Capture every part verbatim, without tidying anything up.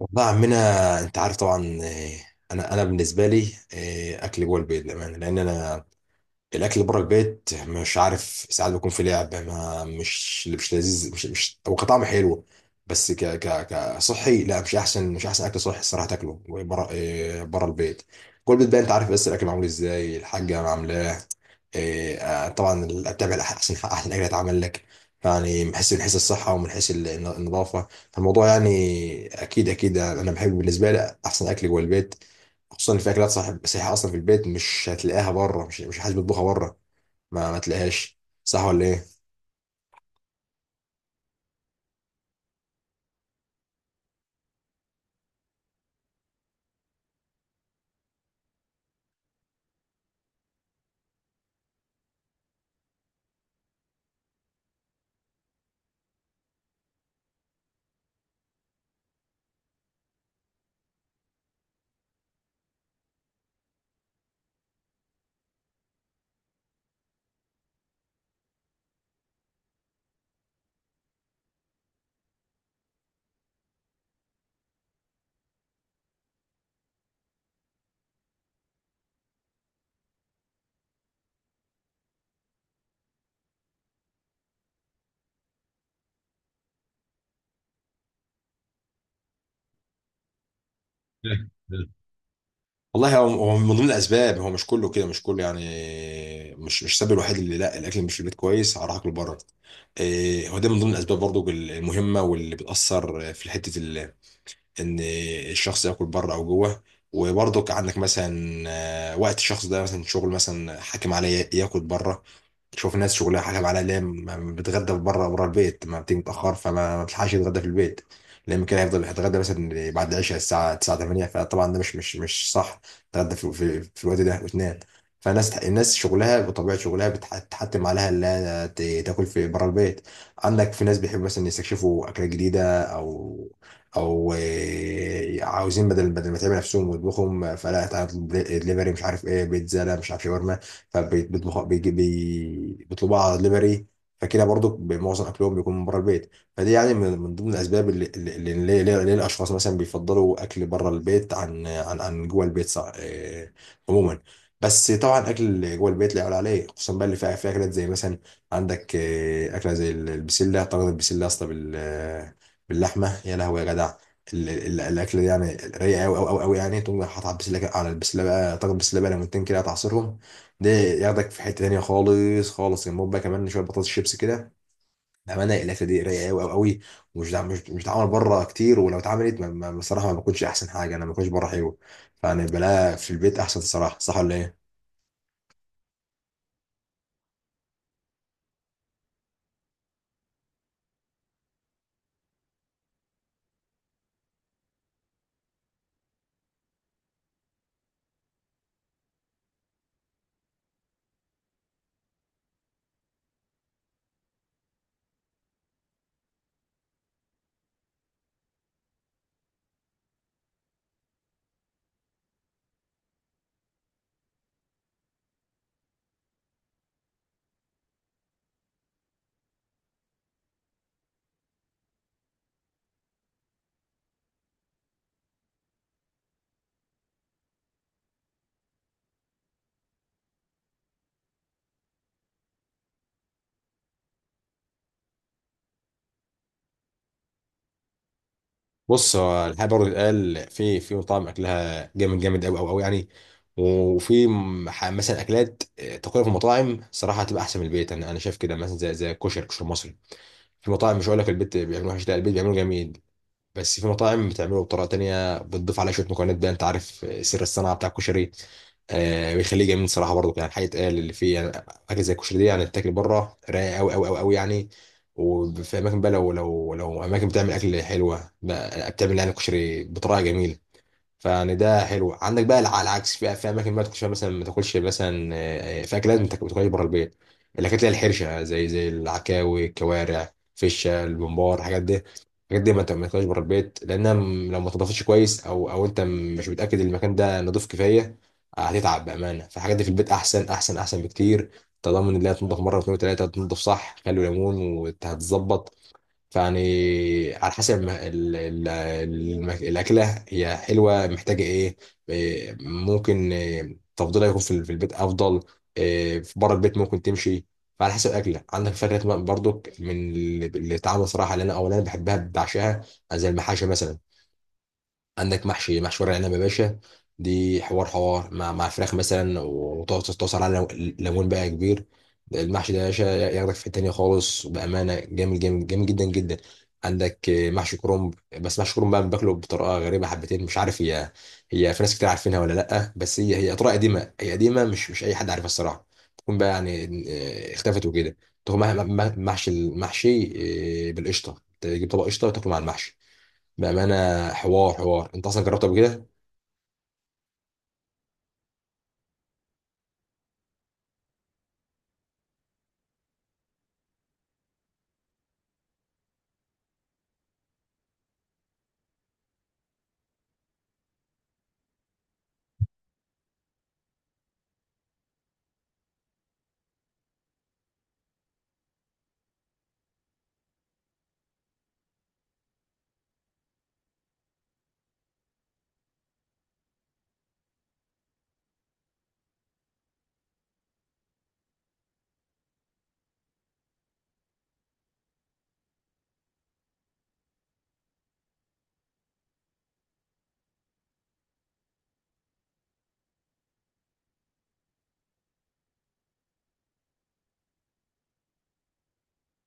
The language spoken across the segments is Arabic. والله يا عمنا، انت عارف طبعا. آه، انا انا بالنسبه لي آه، اكل جوه البيت، للامانه. لان انا الاكل اللي بره البيت، مش عارف، ساعات بيكون في لعب، ما مش مش لذيذ، مش مش هو كطعم حلو. بس ك ك كصحي لا، مش احسن مش احسن اكل صحي الصراحه تاكله بره، إيه، بره البيت. كل بيت بقى انت عارف، بس الاكل معمول ازاي، الحاجه عاملاه إيه، آه، طبعا بتابع احسن احسن اكل اتعمل لك. يعني من حيث من حيث الصحه ومن حيث الن- النظافه، فالموضوع يعني اكيد اكيد انا بحب، بالنسبه لي احسن اكل جوه البيت. خصوصا ان في اكلات صح صحيحه اصلا في البيت مش هتلاقيها بره، مش مش حد بيطبخها بره، ما ما تلاقيهاش، صح ولا ايه؟ والله هو هو من ضمن الاسباب، هو مش كله كده، مش كله يعني، مش مش السبب الوحيد اللي لا الاكل مش في البيت كويس هروح اكل بره. إيه، هو ده من ضمن الاسباب برضو المهمه، واللي بتاثر في حته ال- ان الشخص ياكل بره او جوه. وبرضك عندك مثلا آه، وقت الشخص ده، مثلا شغل مثلا حاكم عليه ياكل بره. تشوف ناس شغلها حاجه على ليه، ما بتغدى بره، بره البيت، ما بتيجي متاخر، فما ما بتلحقش يتغدى في البيت. لان كده هيفضل يتغدى مثلا بعد العشاء الساعه تسعة ثمانية، فطبعا ده مش مش مش صح تتغدى في, في, في الوقت ده وتنام. فالناس الناس شغلها، بطبيعه شغلها بتح- بتحتم عليها انها ت- تاكل في بره البيت. عندك في ناس بيحبوا مثلا يستكشفوا اكلات جديده، او او آه، عاوزين بدل بدل ما تعمل نفسهم ويطبخهم، فلا، تعالى اطلب دليفري مش عارف ايه، بيتزا، لا مش عارف شاورما، فبيطبخوا، بيجي- بي- بيطلبوها على دليفري، فكده برضو معظم اكلهم بيكون من بره البيت. فدي يعني من من ضمن الاسباب اللي اللي اللي ليه ليه- ليه الاشخاص مثلا بيفضلوا اكل بره البيت عن عن عن جوه البيت. صع- آه، عموما، بس طبعا اكل جوه البيت لا يعلى عليه، خصوصا بقى اللي فيها فيها اكلات زي مثلا عندك آه، اكله زي ال- البسله، طاجن البسله يا اسطى بال- آه، باللحمه يا لهوي يا جدع. ال- ال- الاكل ده يعني رايق قوي قوي قوي يعني، تقوم حاطط على البسله كده- على البسله بقى طاجن بسله بقى، ليمونتين كده تعصرهم، ده ياخدك في حته تانيه خالص خالص، جنبهم بقى كمان شويه بطاطس شيبس كده، بامانه الاكله دي رايقه قوي قوي قوي. ومش دع... مش مش بتتعمل بره كتير، ولو اتعملت ما- ما- بصراحه ما بكونش احسن حاجه، انا ما بكونش بره حلو. فانا بلاها في البيت احسن الصراحه، صح ولا ايه؟ بص، هو الحقيقه برضه اتقال، في في مطاعم اكلها جامد جامد قوي قوي قوي يعني، وفي م- ح- مثلا اكلات آه، تقريبا في المطاعم صراحه هتبقى احسن من البيت، انا انا شايف كده، مثلا زي زي الكشري الكشري المصري، في مطاعم مش هقول لك البيت بيعملوا وحش، لا البيت بيعملوا جميل، بس في مطاعم بتعمله بطريقه تانية، بتضيف عليه شويه مكونات بقى انت عارف، سر الصناعه بتاع الكشري، آه بيخليه جميل صراحه برضو. يعني الحقيقه، قال اللي فيه يعني، حاجه زي الكشري دي يعني تاكل بره رايق قوي قوي قوي قوي يعني. وفي اماكن بقى، لو لو لو اماكن بتعمل اكل حلوه، بقى- بتعمل يعني الكشري بطريقه جميله، فيعني ده حلو. عندك بقى على العكس، في في اماكن بقى تاكلش فيها مثلا ما تاكلش مثلا، آه، في اكلات ما تاك- ما تاكلهاش بره البيت، الاكلات اللي هي الحرشه زي زي العكاوي الكوارع فشه البمبار، الحاجات دي، الحاجات دي ما ت- ما تاكلهاش بره البيت، لانها م- لو ما تضافتش كويس، او او انت م- مش متاكد المكان ده نضيف كفايه، آه، هتتعب بامانه. فالحاجات دي في البيت احسن احسن احسن بكتير، تضمن ان هي تنضف مره واثنين وثلاثه، تنضف صح، خل وليمون وهتظبط. فيعني على حسب ما ال- ال- الم- الأكلة هي حلوة، محتاجة إيه، إيه، ممكن إيه، تفضيلها يكون في ال- في البيت أفضل، إيه، في بره البيت ممكن تمشي، فعلى حسب الأكلة. عندك فكرة برضو من اللي اللي اتعمل صراحة، اللي أنا أو اللي أنا بحبها بعشقها، زي المحاشي مثلا. عندك محشي محشي ورق العنب يا باشا، دي حوار حوار مع مع فراخ مثلا، وتقعد تتوصل على ليمون بقى كبير، المحشي ده يا باشا ياخدك في حتة تانية خالص، بأمانة جامد جامد جامد جدا جدا. عندك آه، محشي كرنب، بس محشي كرنب بقى باكله بطريقة غريبة حبتين، مش عارف هي، هي في ناس كتير عارفينها ولا لأ، بس هي هي طريقة قديمة، هي قديمة، مش مش أي حد عارفها الصراحة، تكون بقى يعني آه، اختفت وكده. تاخد مع- مع- محشي المحشي آه، بالقشطة، تجيب طبق قشطة وتاكله مع المحشي، بأمانة حوار حوار، انت اصلا جربته قبل كده؟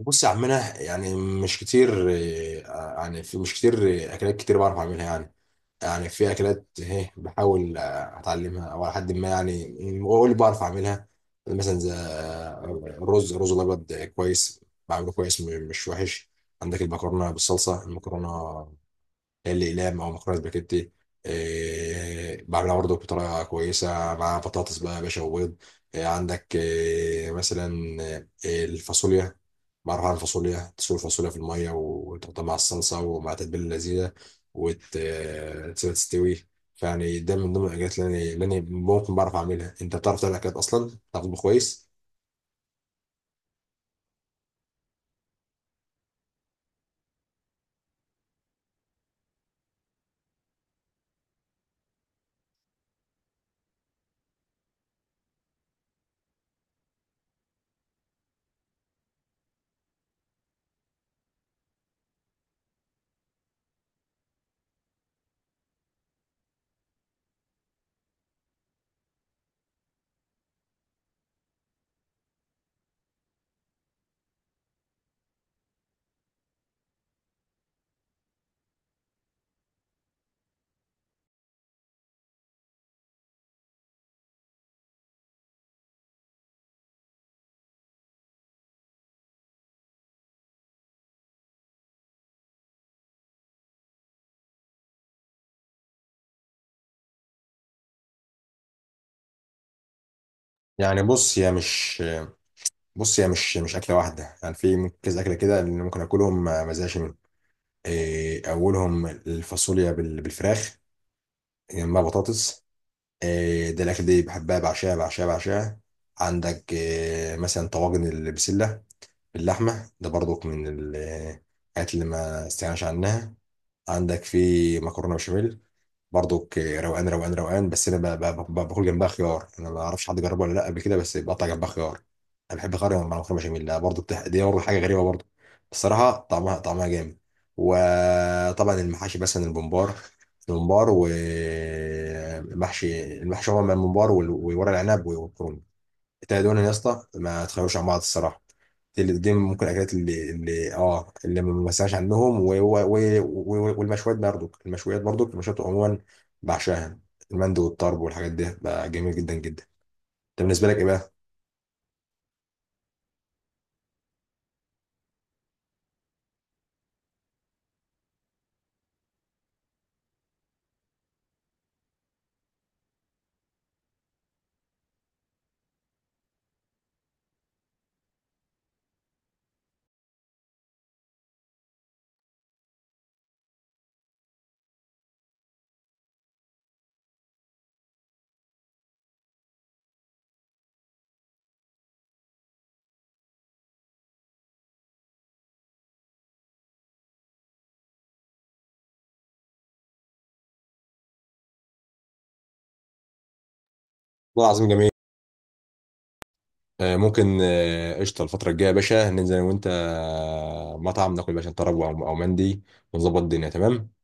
بص يا عمنا يعني، مش كتير، آه، يعني في مش كتير آه، اكلات كتير بعرف اعملها يعني، يعني في اكلات اهي بحاول آه، اتعلمها او على حد ما يعني، اقول اللي بعرف اعملها. مثلا زي آه، الرز الرز الابيض كويس، بعمله كويس، م- مش وحش. عندك المكرونه بالصلصه، المكرونه الاقلام او مكرونه سباجيتي، إيه بعملها برضه بطريقه كويسه مع بطاطس بقى يا باشا وبيض. إيه عندك إيه مثلا، إيه الفاصوليا، بعرف اعمل فاصوليا، تسلق الفاصوليا في الميه وتحطها مع الصلصه ومع التتبيله اللذيذه وتسيبها تستوي. فيعني ده من ضمن الاكلات اللي انا اللي أنا ممكن بعرف اعملها. انت بتعرف تعمل اكلات اصلا؟ بتعرف تطبخ كويس؟ يعني بص هي مش بص هي مش مش اكله واحده يعني، في كذا اكله كده اللي ممكن اكلهم ما ما ازهقش منهم. إيه، اولهم الفاصوليا بال- بالفراخ، جنبها بطاطس، إيه، ده الاكل دي بحبها بعشاها بعشاها بعشاها. عندك إيه، مثلا طواجن البسله باللحمه، ده برضك من ال- الحاجات اللي ما استغناش عنها. عندك في مكرونه بشاميل برضك، روقان روقان روقان، بس انا ب- ب- ب- باكل جنبها خيار، انا ما اعرفش حد جربه ولا لا قبل كده، بس بقطع جنبها خيار، انا بحب خيار مع مكرونه بشاميل، لا برضه بتح... دي برضه حاجه غريبه برضه، الصراحه طعمها طعمها جامد. وطبعا المحاشي مثلا الممبار الممبار ومحشي المحشي، هو من الممبار وال- وورق العنب والكرنب، التلاته دول يا اسطى ما تخافوش عن بعض الصراحه. اللي دي ممكن الاكلات اللي اللي اه اللي ما بسمعش عنهم. و- و- و- والمشويات برضو، المشويات برضو، المشويات عموما بعشاها، المندي والطرب والحاجات دي بقى جميل جدا جدا. انت بالنسبه لك ايه بقى؟ والله العظيم جميل. آه، ممكن آه، قشطه الفتره الجايه يا باشا، ننزل انا وانت آه، مطعم ناكل يا باشا طرب او أو مندي، ونظبط الدنيا تمام.